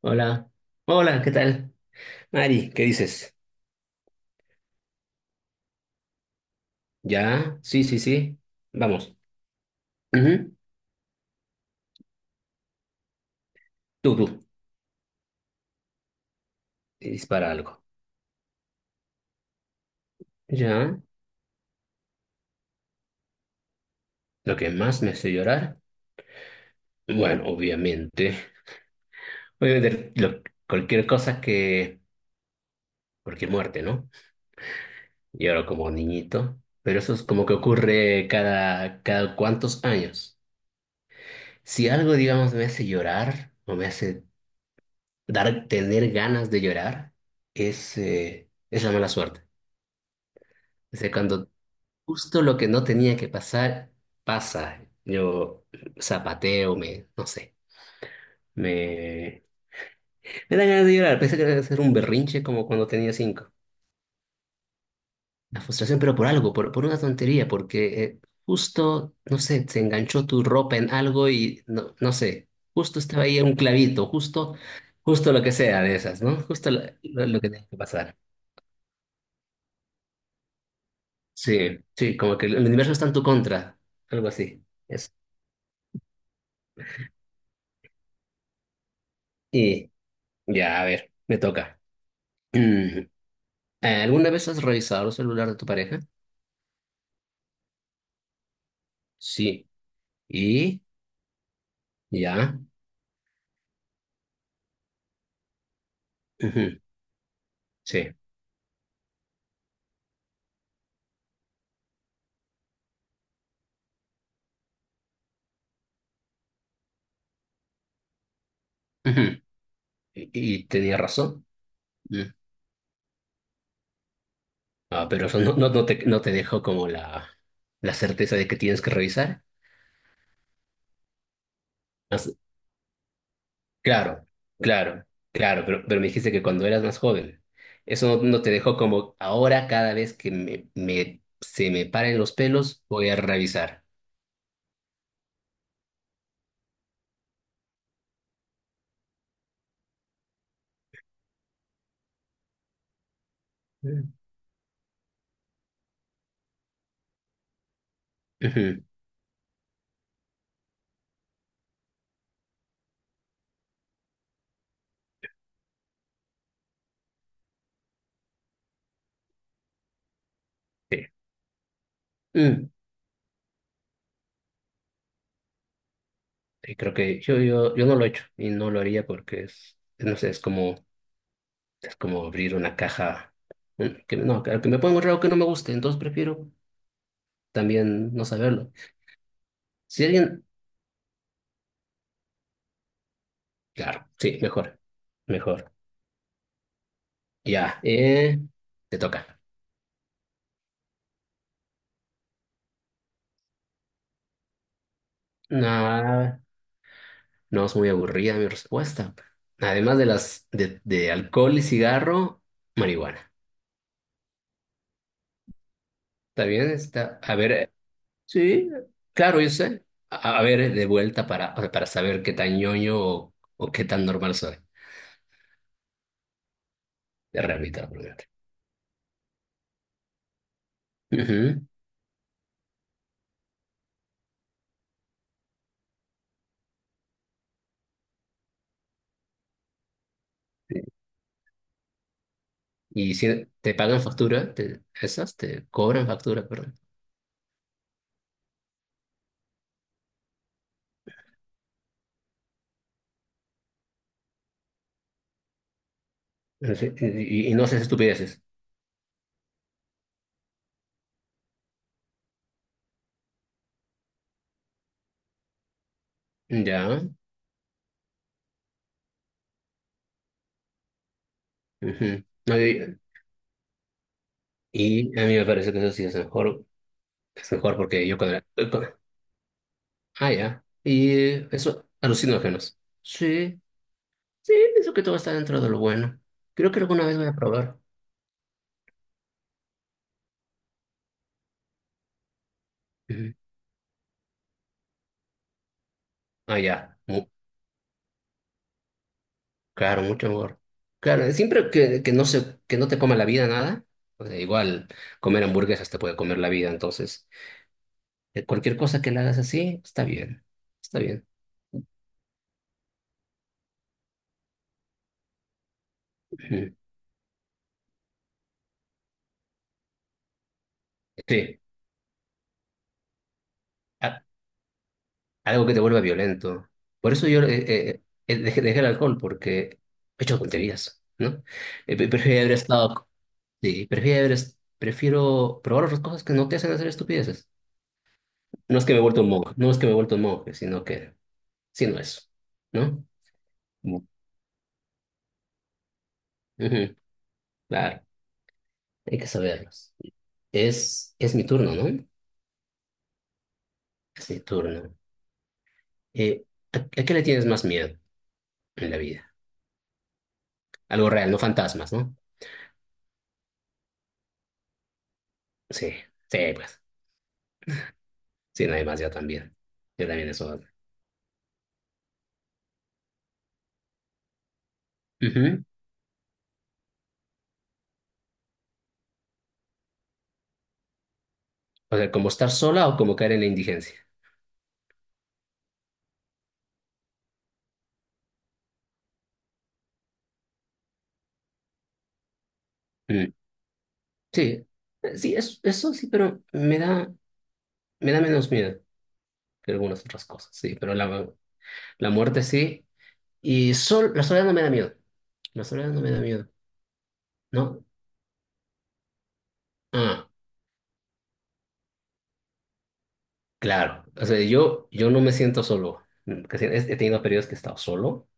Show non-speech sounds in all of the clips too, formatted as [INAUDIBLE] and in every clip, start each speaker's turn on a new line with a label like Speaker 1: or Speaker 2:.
Speaker 1: Hola, hola, ¿qué tal? Mari, ¿qué dices? ¿Ya? Sí, sí, sí. Vamos. Ujú. Tú, tú. Y dispara algo. ¿Ya? ¿Lo que más me hace llorar? Bueno, obviamente. Obviamente, cualquier cosa que... Cualquier muerte, ¿no? Lloro como niñito. Pero eso es como que ocurre cada cuantos años. Si algo, digamos, me hace llorar o me hace dar, tener ganas de llorar, es la mala suerte. O sea, cuando justo lo que no tenía que pasar, pasa. Yo zapateo, no sé, me, me dan ganas de llorar. Pensé que era hacer un berrinche como cuando tenía 5. La frustración, pero por algo, por una tontería, porque justo, no sé, se enganchó tu ropa en algo y no, no sé, justo estaba ahí un clavito, justo, justo lo que sea de esas, ¿no? Justo lo que tenía que pasar. Sí, sí, como que el universo está en tu contra, algo así. Eso. Y ya, a ver, me toca. [CLEARS THROAT] ¿Alguna vez has revisado el celular de tu pareja? Sí. ¿Y? ¿Ya? Ujú. Sí. Ujú. ¿Y tenía razón? Mm. Ah, pero eso no, no, no te, no te dejó como la certeza de que tienes que revisar. Has- claro, claro, claro, pero me dijiste que cuando eras más joven. Eso no, no te dejó como ahora cada vez que se me paren los pelos voy a revisar. Mm. Ujú, sí. Mm. Sí, creo que yo no lo he hecho y no lo haría porque es, no sé, es como abrir una caja. Que, no, claro, que me puede encontrar algo que no me guste, entonces prefiero también no saberlo. Si alguien, claro, sí, mejor, mejor. Ya, te toca. Nah, no es muy aburrida mi respuesta. Además de las de alcohol y cigarro, marihuana. También está, a ver. Sí, claro, yo sé. A ver, de vuelta para, o sea, para saber qué tan ñoño o qué tan normal soy. De realidad, obviamente. Ujú. Y si te pagan factura, esas te cobran factura, perdón. Sí. Y no haces estupideces. Ya. Ujú. No, y a mí me parece que eso sí es mejor porque yo cuando... Ah, ya. Y eso, alucinógenos. Sí, sí, pienso que todo está dentro de lo bueno. Creo que alguna vez voy a probar. Ah, ya. Claro, mucho mejor. Claro, siempre que no se, que no te coma la vida nada, o sea, igual comer hamburguesas te puede comer la vida, entonces cualquier cosa que la hagas así, está bien, está bien. Ujú. Sí, a- algo que te vuelva violento. Por eso yo dejé el alcohol, porque he hecho tonterías, ¿no? Prefiero haber estado, sí, prefiero haber prefiero probar otras cosas que no te hacen hacer estupideces. No es que me he vuelto un monje, no es que me he vuelto un monje, sino que, sino eso, ¿no? Ujú. Claro, hay que saberlos. Es mi turno, ¿no? Es mi turno. Eh, a qué le tienes más miedo en la vida? Algo real, no fantasmas, ¿no? Sí, sí, pues. Sí, nadie más, yo también. Yo también eso. Ujú. O sea, como estar sola o como caer en la indigencia. Mm. Sí, sí, eso sí, pero me da menos miedo que algunas otras cosas, sí, pero la muerte sí. Y la soledad no me da miedo. La soledad no me da miedo, ¿no? Ah. Claro, o sea, yo no me siento solo. He tenido periodos que he estado solo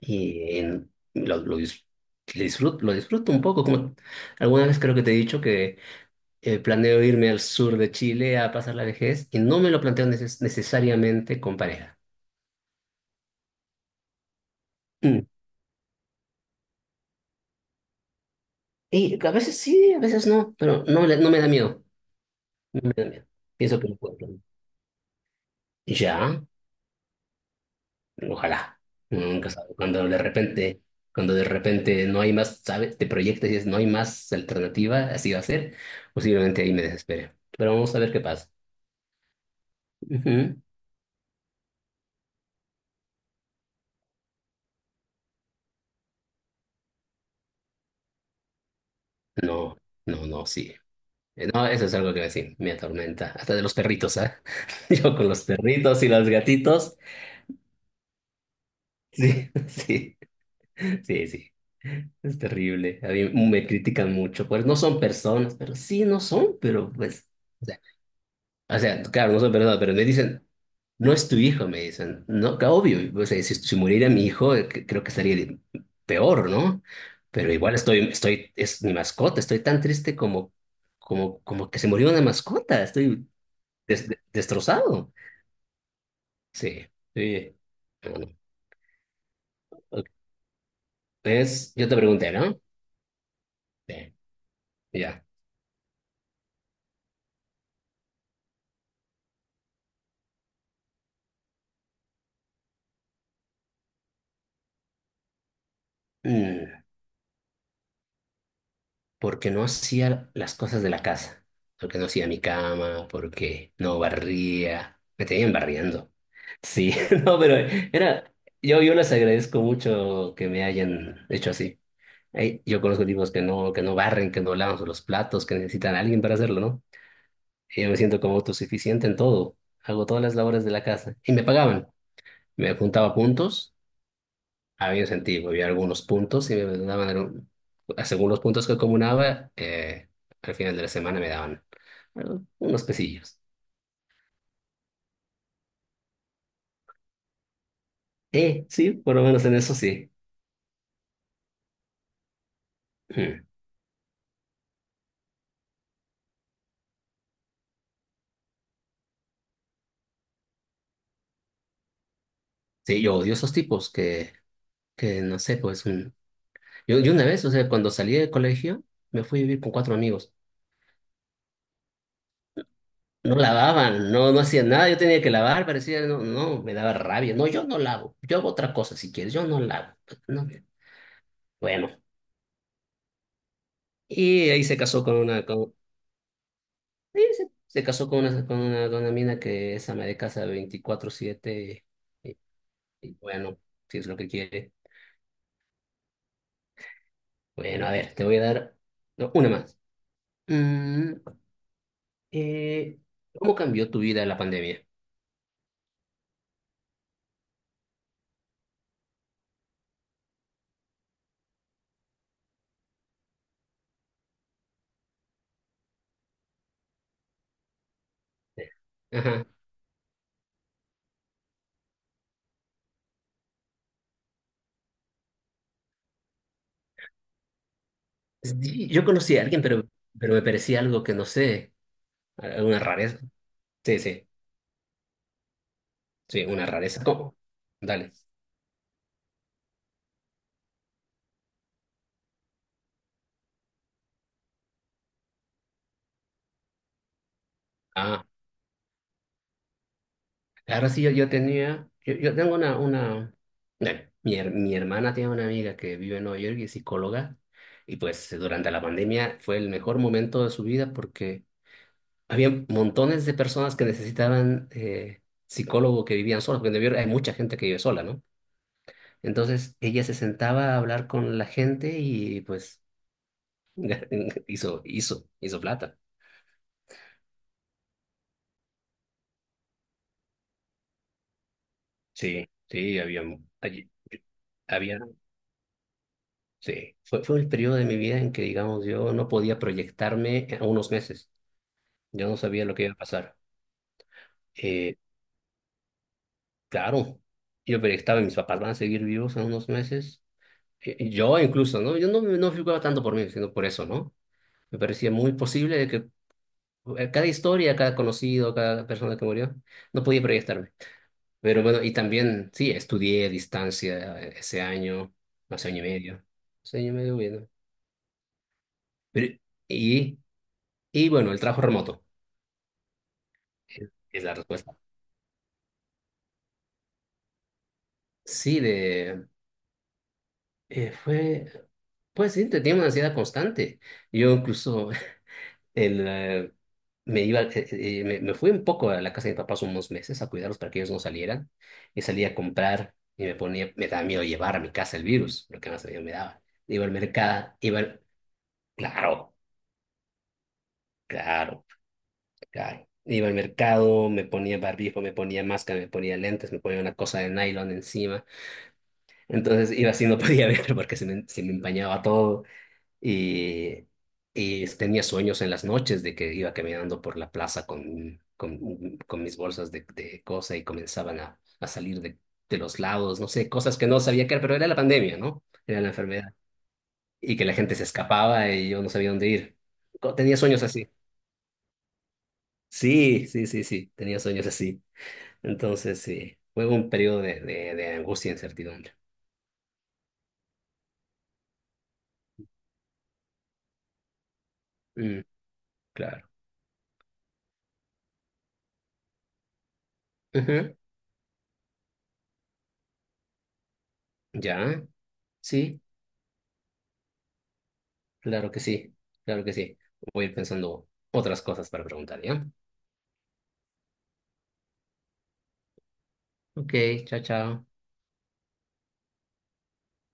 Speaker 1: y lo dis- disfruto, lo disfruto un poco. Como alguna vez creo que te he dicho que planeo irme al sur de Chile a pasar la vejez y no me lo planteo necesariamente con pareja. Mm. Y a veces sí, a veces no, pero no, no me da miedo. No me da miedo. Pienso que lo puedo planear. Ya. Ojalá. Nunca sabe. Cuando de repente no hay más, ¿sabes? Te proyectas y dices, no hay más alternativa, así va a ser. Posiblemente ahí me desespere. Pero vamos a ver qué pasa. Ujú. No, no, no, sí. No, eso es algo que sí, me atormenta. Hasta de los perritos, ¿ah? [LAUGHS] Yo con los perritos y los gatitos. Sí, [LAUGHS] sí, sí, sí. Es terrible. A mí me critican mucho. Pues no son personas, pero sí, no son, pero pues. O sea, claro, no son personas, pero me dicen, no es tu hijo, me dicen. No, que obvio, o sea, si muriera mi hijo, creo que estaría peor, ¿no? Pero igual es mi mascota, estoy tan triste como, como que se murió una mascota, estoy destrozado. Sí, sí. Bueno, ok. Yo te pregunté, ¿no? Sí, ya. Mm, porque no hacía las cosas de la casa, porque no hacía mi cama, porque no barría, me tenían barriendo. Sí, [LAUGHS] no, pero era, yo les agradezco mucho que me hayan hecho así. Ey, yo conozco tipos que no, barren, que no lavan los platos, que necesitan a alguien para hacerlo, ¿no? Y yo me siento como autosuficiente en todo. Hago todas las labores de la casa. Y me pagaban. Me juntaba puntos, había un sentido, había algunos puntos y me daban, según los puntos que acumulaba, al final de la semana me daban unos pesillos. Sí, por lo menos en eso sí. Mm. Sí, yo odio esos tipos que no sé, pues yo una vez, o sea, cuando salí del colegio, me fui a vivir con cuatro amigos. No lavaban, no, no hacían nada, yo tenía que lavar, parecía, no, no, me daba rabia. No, yo no lavo, yo hago otra cosa si quieres, yo no lavo. No, bueno, y ahí se casó con una, con, sí, se casó con una mina que es ama de casa 24/7 y, y bueno, si es lo que quiere. Bueno, a ver, te voy a dar no, una más. Mm, eh, ¿cómo cambió tu vida la pandemia? Ajá. Sí, yo conocí a alguien, pero me parecía algo que no sé, alguna rareza. Sí, sí, sí, una rareza. ¿Cómo? Dale. Ah, ahora sí, yo tenía, yo tengo dale, mi hermana tiene una amiga que vive en Nueva York y es psicóloga, y pues durante la pandemia fue el mejor momento de su vida porque había montones de personas que necesitaban psicólogo que vivían solas, porque en Nueva York hay mucha gente que vive sola, ¿no? Entonces ella se sentaba a hablar con la gente y pues [LAUGHS] hizo plata. Sí, sí, había, allí- había, sí. Fue el periodo de mi vida en que, digamos, yo no podía proyectarme a unos meses. Yo no sabía lo que iba a pasar. Eh, claro, yo proyectaba, mis papás van a seguir vivos en unos meses. Yo incluso, ¿no? Yo no, me- no figuraba tanto por mí, sino por eso, ¿no? Me parecía muy posible de que cada historia, cada conocido, cada persona que murió, no podía proyectarme. Pero bueno, y también, sí, estudié a distancia ese año, hace año y medio. Hace año y medio, bueno. Pero, y, y bueno, el trabajo remoto es la respuesta. Sí, fue, pues sí, tenía una ansiedad constante. Yo incluso [LAUGHS] el, eh, me fui un poco a la casa de mis papás unos meses a cuidarlos para que ellos no salieran. Y salía a comprar y me ponía, me daba miedo llevar a mi casa el virus, lo que más miedo me daba. Iba al mercado, claro. Caro, caro. Iba al mercado, me ponía barbijo, me ponía máscara, me ponía lentes, me ponía una cosa de nylon encima. Entonces iba así, no podía [LAUGHS] ver porque se me empañaba todo. Y, y tenía sueños en las noches de que iba caminando por la plaza con, con mis bolsas de cosa y comenzaban a salir de los lados, no sé, cosas que no sabía qué era, pero era la pandemia, ¿no? Era la enfermedad. Y que la gente se escapaba y yo no sabía dónde ir. Tenía sueños así. Sí, sí, sí, sí, tenía sueños así. Entonces, sí, fue un periodo de angustia e incertidumbre. Mm, claro. Ujú. Ya, sí, claro que sí, claro que sí. Voy a ir pensando otras cosas para preguntar, ¿ya? Ok, chao, chao.